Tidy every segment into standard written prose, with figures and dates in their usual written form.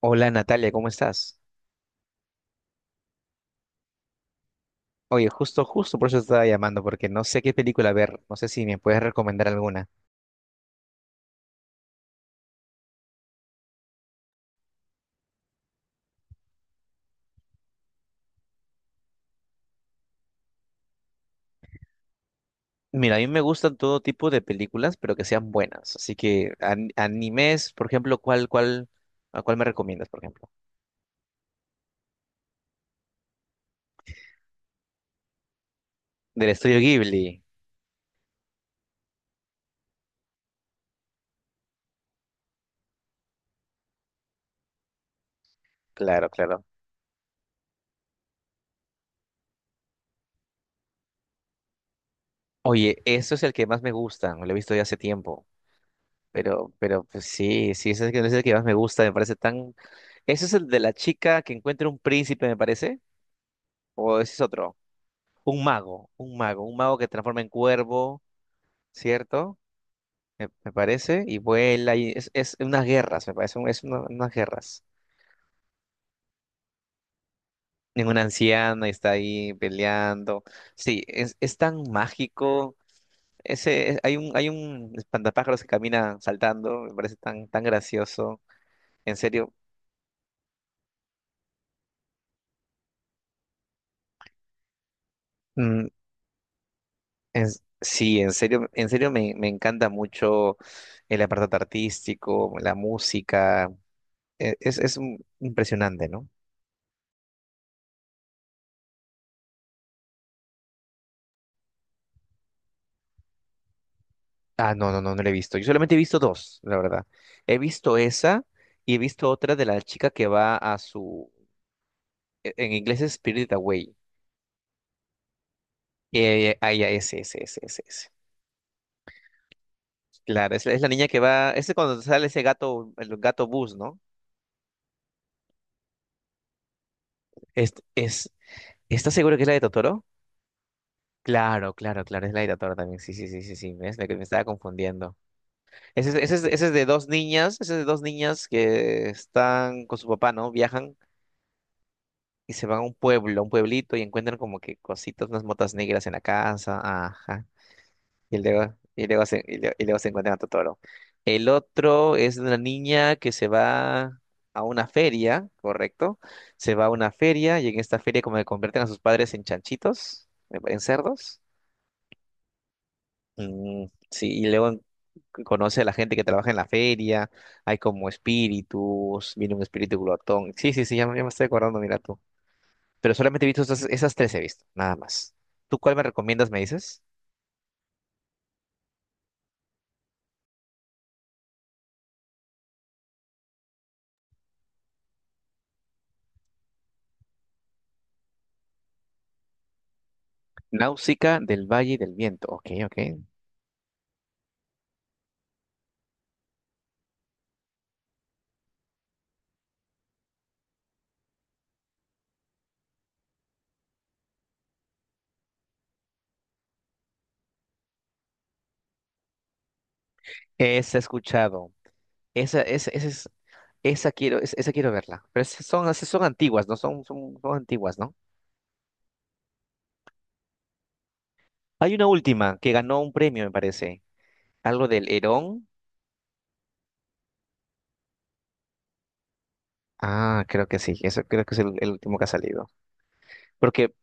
Hola Natalia, ¿cómo estás? Oye, justo por eso te estaba llamando, porque no sé qué película ver, no sé si me puedes recomendar alguna. Mira, a mí me gustan todo tipo de películas, pero que sean buenas. Así que animes, por ejemplo, ¿ a cuál me recomiendas, por ejemplo? Del estudio Ghibli. Claro, claro. Oye, eso es el que más me gusta, lo he visto ya hace tiempo. Pero pues sí, sí, ese es el que más me gusta, me parece tan... ¿Ese es el de la chica que encuentra un príncipe, me parece? ¿O ese es otro? un mago, un mago que transforma en cuervo, ¿cierto? Me parece, y vuela, y es unas guerras, me parece, unas guerras. En una anciana y está ahí peleando. Sí, es tan mágico. Hay hay un espantapájaros que camina saltando, me parece tan, tan gracioso. En serio, mm, sí, en serio me encanta mucho el apartado artístico, la música. Es, es impresionante, ¿no? Ah, no, no, no, no la he visto. Yo solamente he visto dos, la verdad. He visto esa y he visto otra de la chica que va a en inglés es Spirit Away. Ya, ese, ese, ese, ese, ese. Claro, la es la niña que va, ese cuando sale ese gato, el gato bus, ¿no? Es, es, ¿Estás seguro que es la de Totoro? Claro, claro, claro, es la de Totoro también. Sí, sí, sí, sí, sí, ves, me estaba confundiendo. Ese es de dos niñas, que están con su papá, ¿no? Viajan, y se van a un pueblo, a un pueblito y encuentran como que cositas, unas motas negras en la casa, ajá. Y luego, y luego se encuentran a Totoro. El otro es de una niña que se va a una feria, ¿correcto? Se va a una feria y en esta feria como que convierten a sus padres en chanchitos, en cerdos. Mm, sí, conoce a la gente que trabaja en la feria, hay como espíritus, viene un espíritu glotón. Sí, sí, sí, ya, me estoy acordando, mira tú. Pero solamente he visto esas, esas tres he visto, nada más. ¿Tú cuál me recomiendas, me dices? Náusica del Valle del Viento. Ok, ok. Esa he escuchado. Esa, esa, esa es, esa quiero, esa quiero verla. Pero esas son antiguas, ¿no? Son antiguas, ¿no? Hay una última que ganó un premio, me parece. Algo del Herón. Ah, creo que sí. Eso creo que es el último que ha salido. Porque,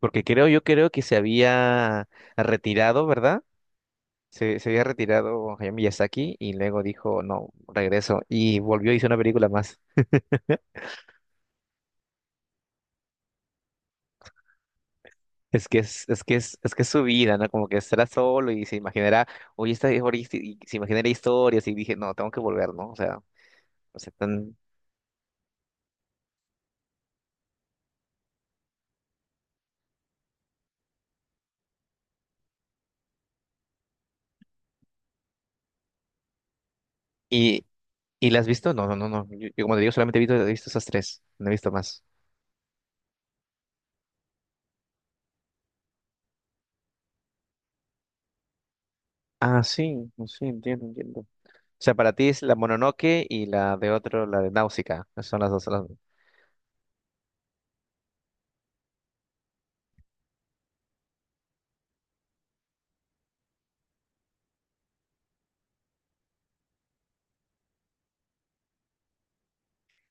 porque creo, yo creo que se había retirado, ¿verdad? Se había retirado Hayao Miyazaki y luego dijo, no, regreso. Y volvió y hizo una película más. Es que es su vida, ¿no? Como que estará solo y se imaginará, y se imaginará historias y dije, no, tengo que volver, ¿no? O sea, tan... ¿Y, y la has visto? No, no, no, no. Yo, como te digo, solamente he visto esas tres. No he visto más. Ah, sí, sí, entiendo, entiendo. O sea, para ti es la Mononoke y la de otro, la de Náusica. Son las dos,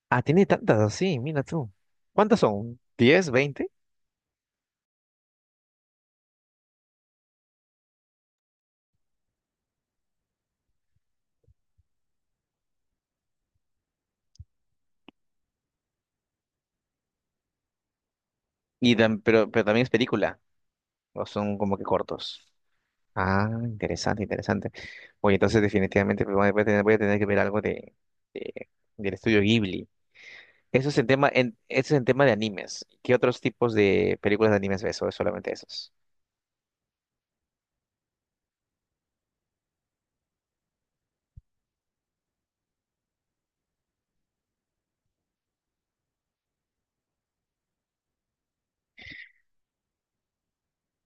Ah, tiene tantas, sí, mira tú. ¿Cuántas son? Diez, veinte. Y pero también es película, o son como que cortos. Ah, interesante, interesante. Oye, entonces definitivamente pues, voy a tener que ver algo de, de- del estudio Ghibli. Eso es en tema, eso es en tema de animes. ¿Qué otros tipos de películas de animes ves? ¿O es solamente esos?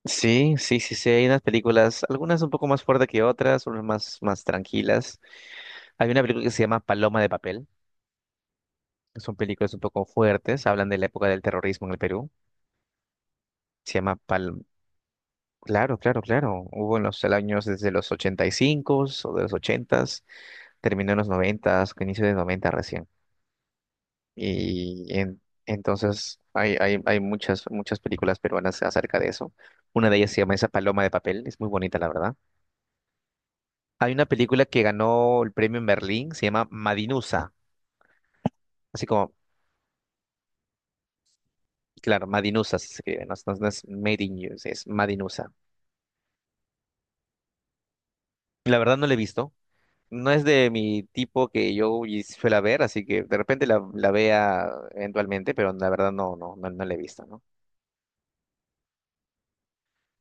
Sí, sí, sí, sí, hay unas películas, algunas un poco más fuertes que otras, unas más, más tranquilas. Hay una película que se llama Paloma de Papel, que son películas un poco fuertes, hablan de la época del terrorismo en el Perú. Se llama Claro, claro, claro. Hubo en los años desde los 85 o de los 80, terminó en los 90, inicio de 90 recién. Y en- entonces hay, hay muchas, muchas películas peruanas acerca de eso. Una de ellas se llama Esa paloma de papel, es muy bonita, la verdad. Hay una película que ganó el premio en Berlín, se llama Madinusa, así como, claro, Madinusa se escribe, no es Made in You, es Madinusa. La verdad no la he visto, no es de mi tipo que yo suela ver, así que de repente la vea eventualmente, pero la verdad no la he visto, ¿no?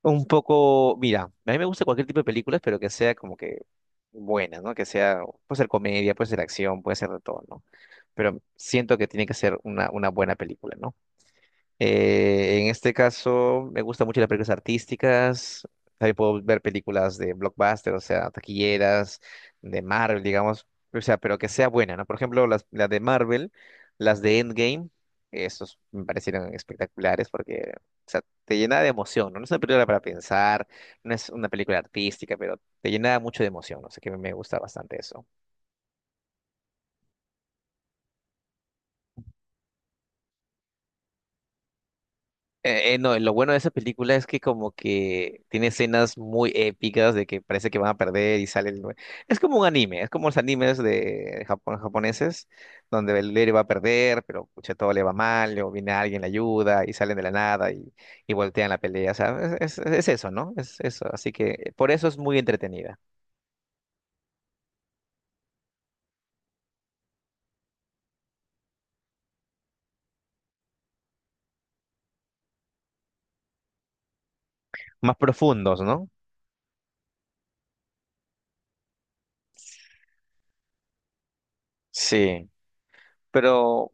Un poco, mira, a mí me gusta cualquier tipo de películas, pero que sea como que buena, ¿no? Que sea, puede ser comedia, puede ser acción, puede ser de todo, ¿no? Pero siento que tiene que ser una buena película, ¿no? En este caso, me gustan mucho las películas artísticas. También puedo ver películas de blockbuster, o sea, taquilleras, de Marvel, digamos. O sea, pero que sea buena, ¿no? Por ejemplo, las de Marvel, las de Endgame, esos me parecieron espectaculares porque, o sea, te llena de emoción, ¿no? No es una película para pensar, no es una película artística, pero te llena mucho de emoción, no sé, que me gusta bastante eso. No, lo bueno de esa película es que como que tiene escenas muy épicas de que parece que van a perder y sale el... Es como un anime, es como los animes de Japón, japoneses, donde el héroe va a perder, pero pucha, todo le va mal, luego viene alguien, le ayuda y salen de la nada y, y voltean la pelea, o sea, es eso, ¿no? Es eso, así que por eso es muy entretenida. Más profundos, ¿no? Sí, pero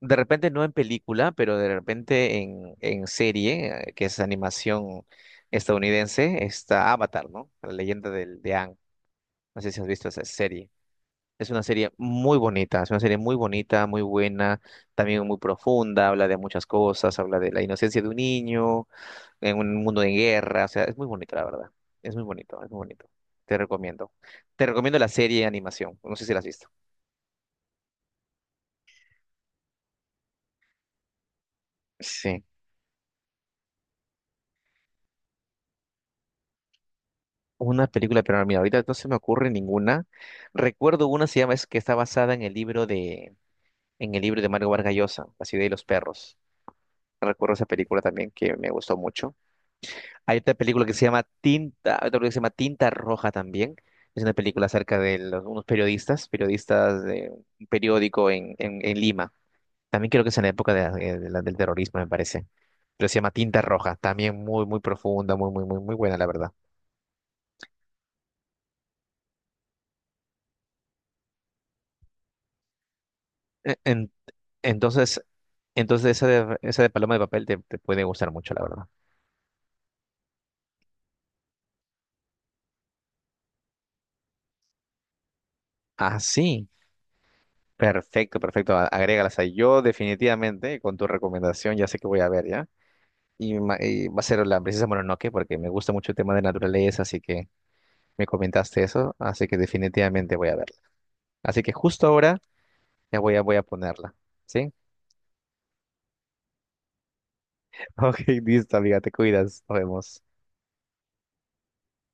de repente no en película, pero de repente en serie, que es animación estadounidense, está Avatar, ¿no? La leyenda de Aang. No sé si has visto esa serie. Es una serie muy bonita, es una serie muy bonita, muy buena, también muy profunda, habla de muchas cosas, habla de la inocencia de un niño en un mundo de guerra, o sea, es muy bonito, la verdad. Es muy bonito, es muy bonito. Te recomiendo. Te recomiendo la serie de animación, no sé si la has visto. Sí. Una película, pero mira, ahorita no se me ocurre ninguna. Recuerdo una, se llama, es que está basada en el libro de, en el libro de Mario Vargas Llosa, La ciudad y los perros. Recuerdo esa película también que me gustó mucho. Hay otra película que se llama Tinta, otra película que se llama Tinta Roja también. Es una película acerca de unos periodistas, periodistas de un periódico en, en Lima. También creo que es en la época de del terrorismo, me parece. Pero se llama Tinta Roja. También muy, muy profunda, muy, muy, muy, muy buena, la verdad. E- en- entonces, entonces esa de paloma de papel te puede gustar mucho, la verdad. Ah, sí. Perfecto, perfecto. Agrégalas ahí. Yo definitivamente, con tu recomendación, ya sé que voy a ver, ¿ya? Y, y va a ser la princesa Mononoke, porque me gusta mucho el tema de naturaleza, así que me comentaste eso, así que definitivamente voy a verla. Así que justo ahora ya voy a ponerla, ¿sí? Ok, listo, amiga, te cuidas. Nos vemos.